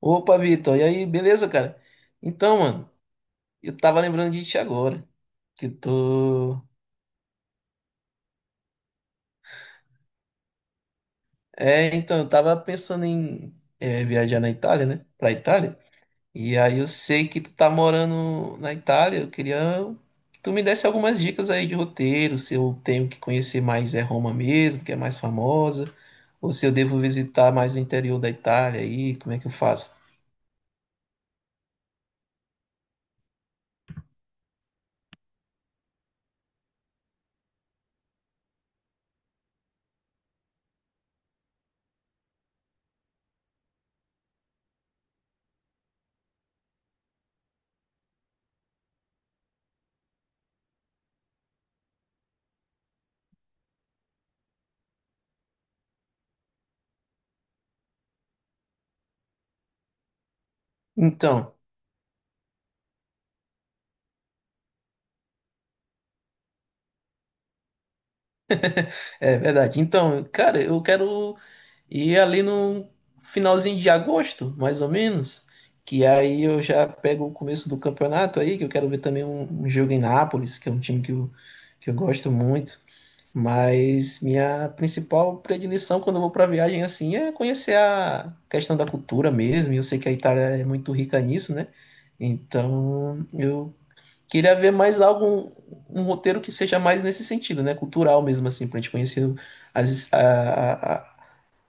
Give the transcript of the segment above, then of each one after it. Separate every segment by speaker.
Speaker 1: Opa, Vitor, e aí, beleza, cara? Então, mano, eu tava lembrando de ti agora, que tô. É, então, eu tava pensando em viajar na Itália, né? Pra Itália. E aí eu sei que tu tá morando na Itália, eu queria que tu me desse algumas dicas aí de roteiro, se eu tenho que conhecer mais é Roma mesmo, que é mais famosa, ou se eu devo visitar mais o interior da Itália aí, como é que eu faço? Então, é verdade. Então, cara, eu quero. E ali no finalzinho de agosto, mais ou menos, que aí eu já pego o começo do campeonato aí, que eu quero ver também um jogo em Nápoles, que é um time que eu gosto muito. Mas minha principal predileção quando eu vou para viagem assim é conhecer a questão da cultura mesmo. E eu sei que a Itália é muito rica nisso, né? Então eu queria ver mais algo, um roteiro que seja mais nesse sentido, né? Cultural mesmo, assim, para a gente conhecer as, a,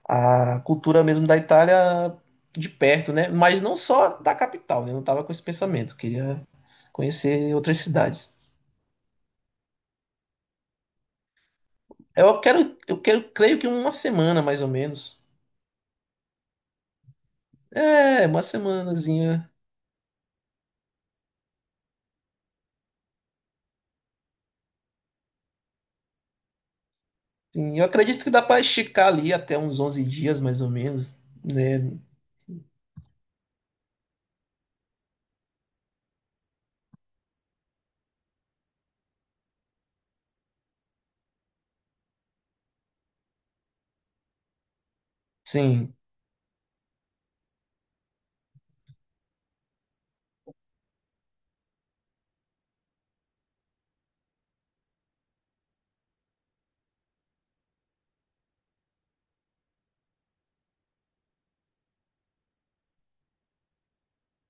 Speaker 1: a cultura mesmo da Itália de perto, né? Mas não só da capital, né? Eu não tava com esse pensamento, queria conhecer outras cidades. Eu quero, creio que uma semana mais ou menos. É, uma semanazinha. Sim, eu acredito que dá para esticar ali até uns 11 dias mais ou menos, né? Sim.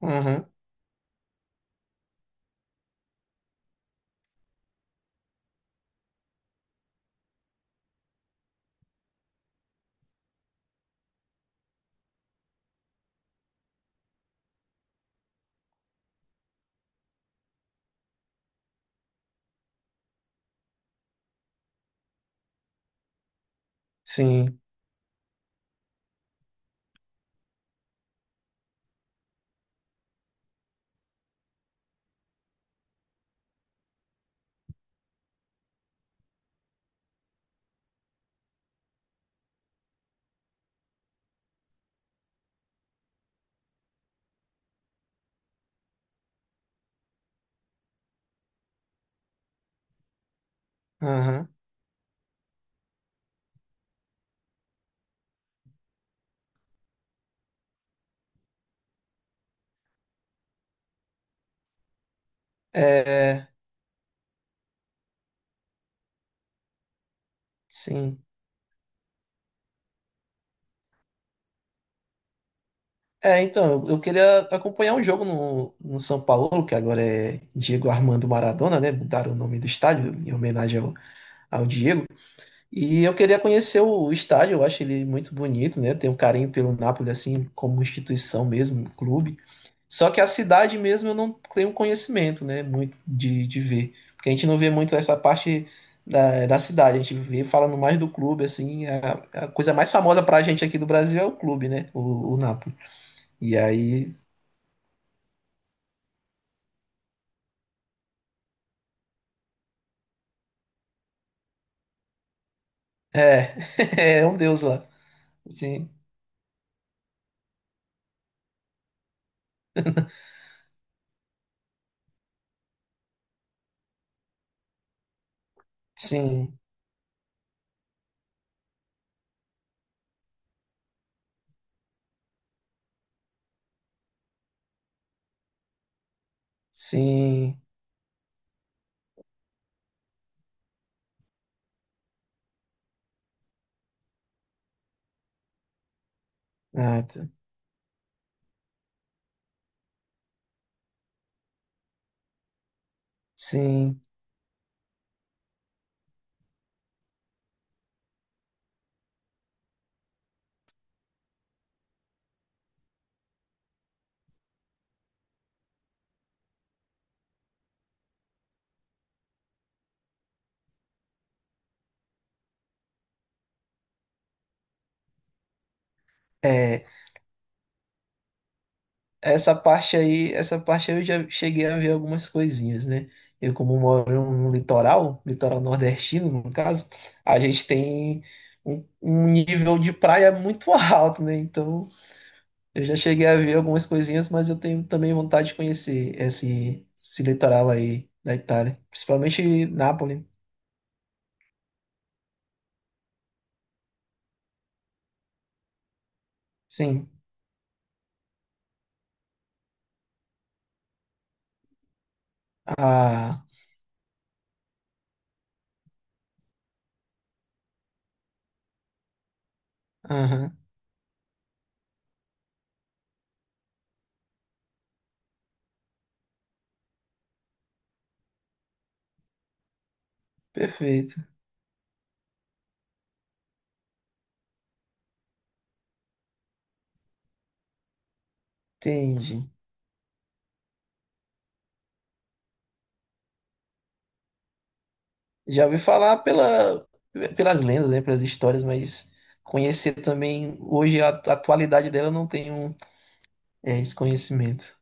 Speaker 1: Uhum. Sim. Uhum. É, sim. É, então, eu queria acompanhar um jogo no São Paulo, que agora é Diego Armando Maradona, né? Mudaram o nome do estádio em homenagem ao Diego. E eu queria conhecer o estádio, eu acho ele muito bonito, né? Tenho um carinho pelo Napoli, assim, como instituição mesmo, um clube. Só que a cidade mesmo eu não tenho conhecimento, né? Muito de ver. Porque a gente não vê muito essa parte da cidade, a gente vê falando mais do clube, assim. A coisa mais famosa pra gente aqui do Brasil é o clube, né? O Napoli. E aí é, é um deus lá. Sim, sim, sim. Ah, tá. Sim. É, essa parte aí eu já cheguei a ver algumas coisinhas, né? Eu, como moro no litoral, litoral nordestino, no caso, a gente tem um nível de praia muito alto, né? Então, eu já cheguei a ver algumas coisinhas, mas eu tenho também vontade de conhecer esse litoral aí da Itália, principalmente Nápoles. Sim. Ah, aham. Perfeito. Entendi. Já ouvi falar pelas lendas, né, pelas histórias, mas conhecer também hoje a atualidade dela eu não tenho esse conhecimento.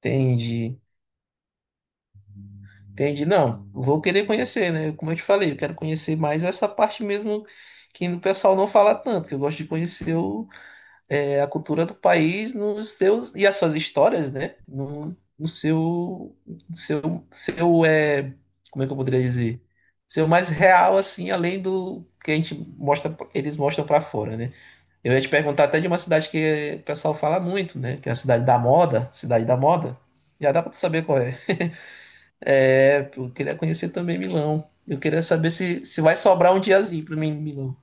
Speaker 1: Entendi. Entendi. Não, vou querer conhecer, né? Como eu te falei, eu quero conhecer mais essa parte mesmo que o pessoal não fala tanto, que eu gosto de conhecer o a cultura do país nos seus e as suas histórias, né? No seu, seu, seu, é, como é que eu poderia dizer? Seu mais real, assim, além do que a gente mostra, eles mostram pra fora, né? Eu ia te perguntar até de uma cidade que o pessoal fala muito, né? Que é a cidade da moda, cidade da moda. Já dá pra tu saber qual é. É, eu queria conhecer também Milão. Eu queria saber se vai sobrar um diazinho pra mim em Milão.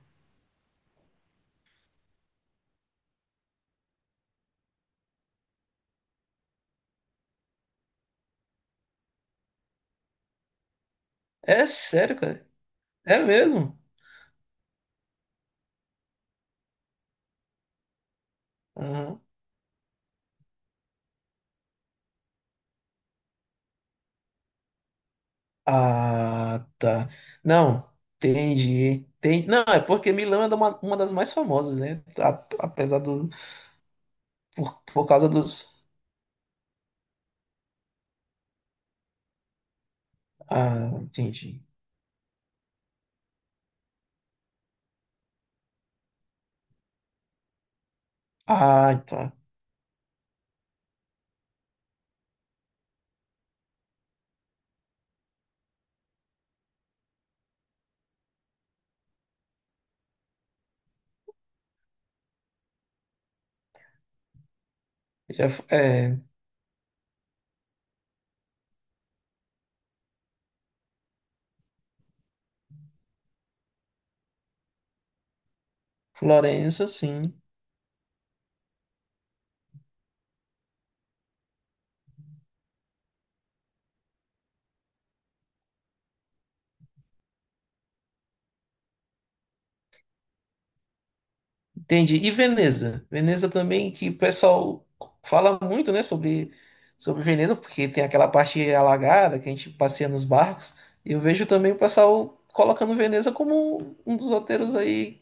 Speaker 1: É sério, cara? É mesmo? Ah, tá. Não, entendi. Tem, não, é porque Milão é uma das mais famosas, né? A- apesar do. Por causa dos. Ah, entendi. Ah, tá. Já, f- é, Florença, sim. Entendi. E Veneza? Veneza também, que o pessoal fala muito, né, sobre Veneza, porque tem aquela parte alagada que a gente passeia nos barcos. E eu vejo também o pessoal colocando Veneza como um dos roteiros aí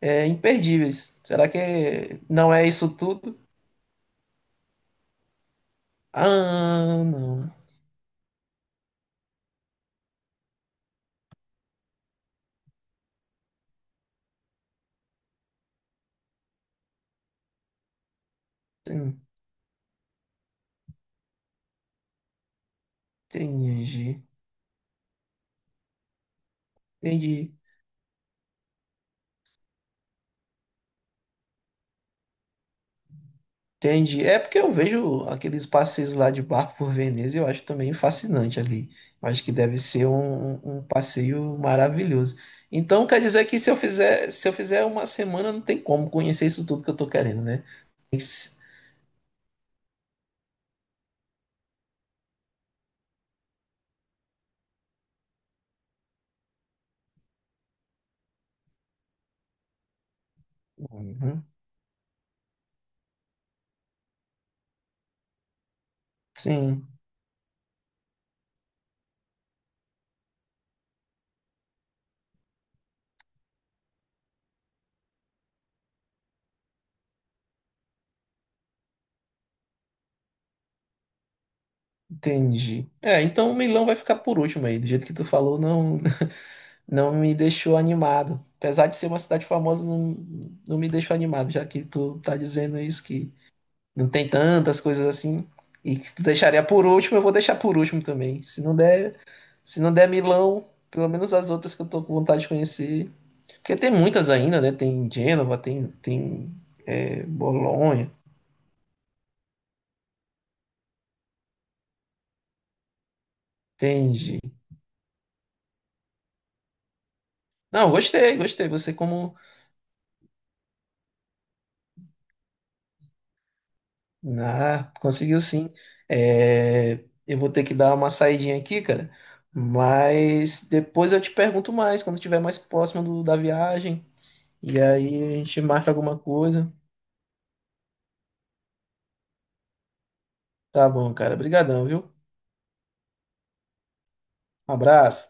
Speaker 1: é, imperdíveis. Será que não é isso tudo? Ah, não. Entendi. Entendi. Entendi. É porque eu vejo aqueles passeios lá de barco por Veneza e eu acho também fascinante ali. Eu acho que deve ser um passeio maravilhoso. Então quer dizer que se eu fizer uma semana, não tem como conhecer isso tudo que eu tô querendo, né? Esse- Uhum. Sim, entendi. É, então o Milão vai ficar por último aí. Do jeito que tu falou, não, não me deixou animado. Apesar de ser uma cidade famosa, não, não me deixou animado, já que tu tá dizendo isso, que não tem tantas coisas assim. E que tu deixaria por último, eu vou deixar por último também. Se não der Milão, pelo menos as outras que eu tô com vontade de conhecer. Porque tem muitas ainda, né? Tem Gênova, tem é, Bolonha, tem. Ge- Não, gostei, gostei. Você, como. Ah, conseguiu sim. É, eu vou ter que dar uma saidinha aqui, cara. Mas depois eu te pergunto mais, quando estiver mais próximo do- da viagem. E aí a gente marca alguma coisa. Tá bom, cara. Obrigadão, viu? Um abraço.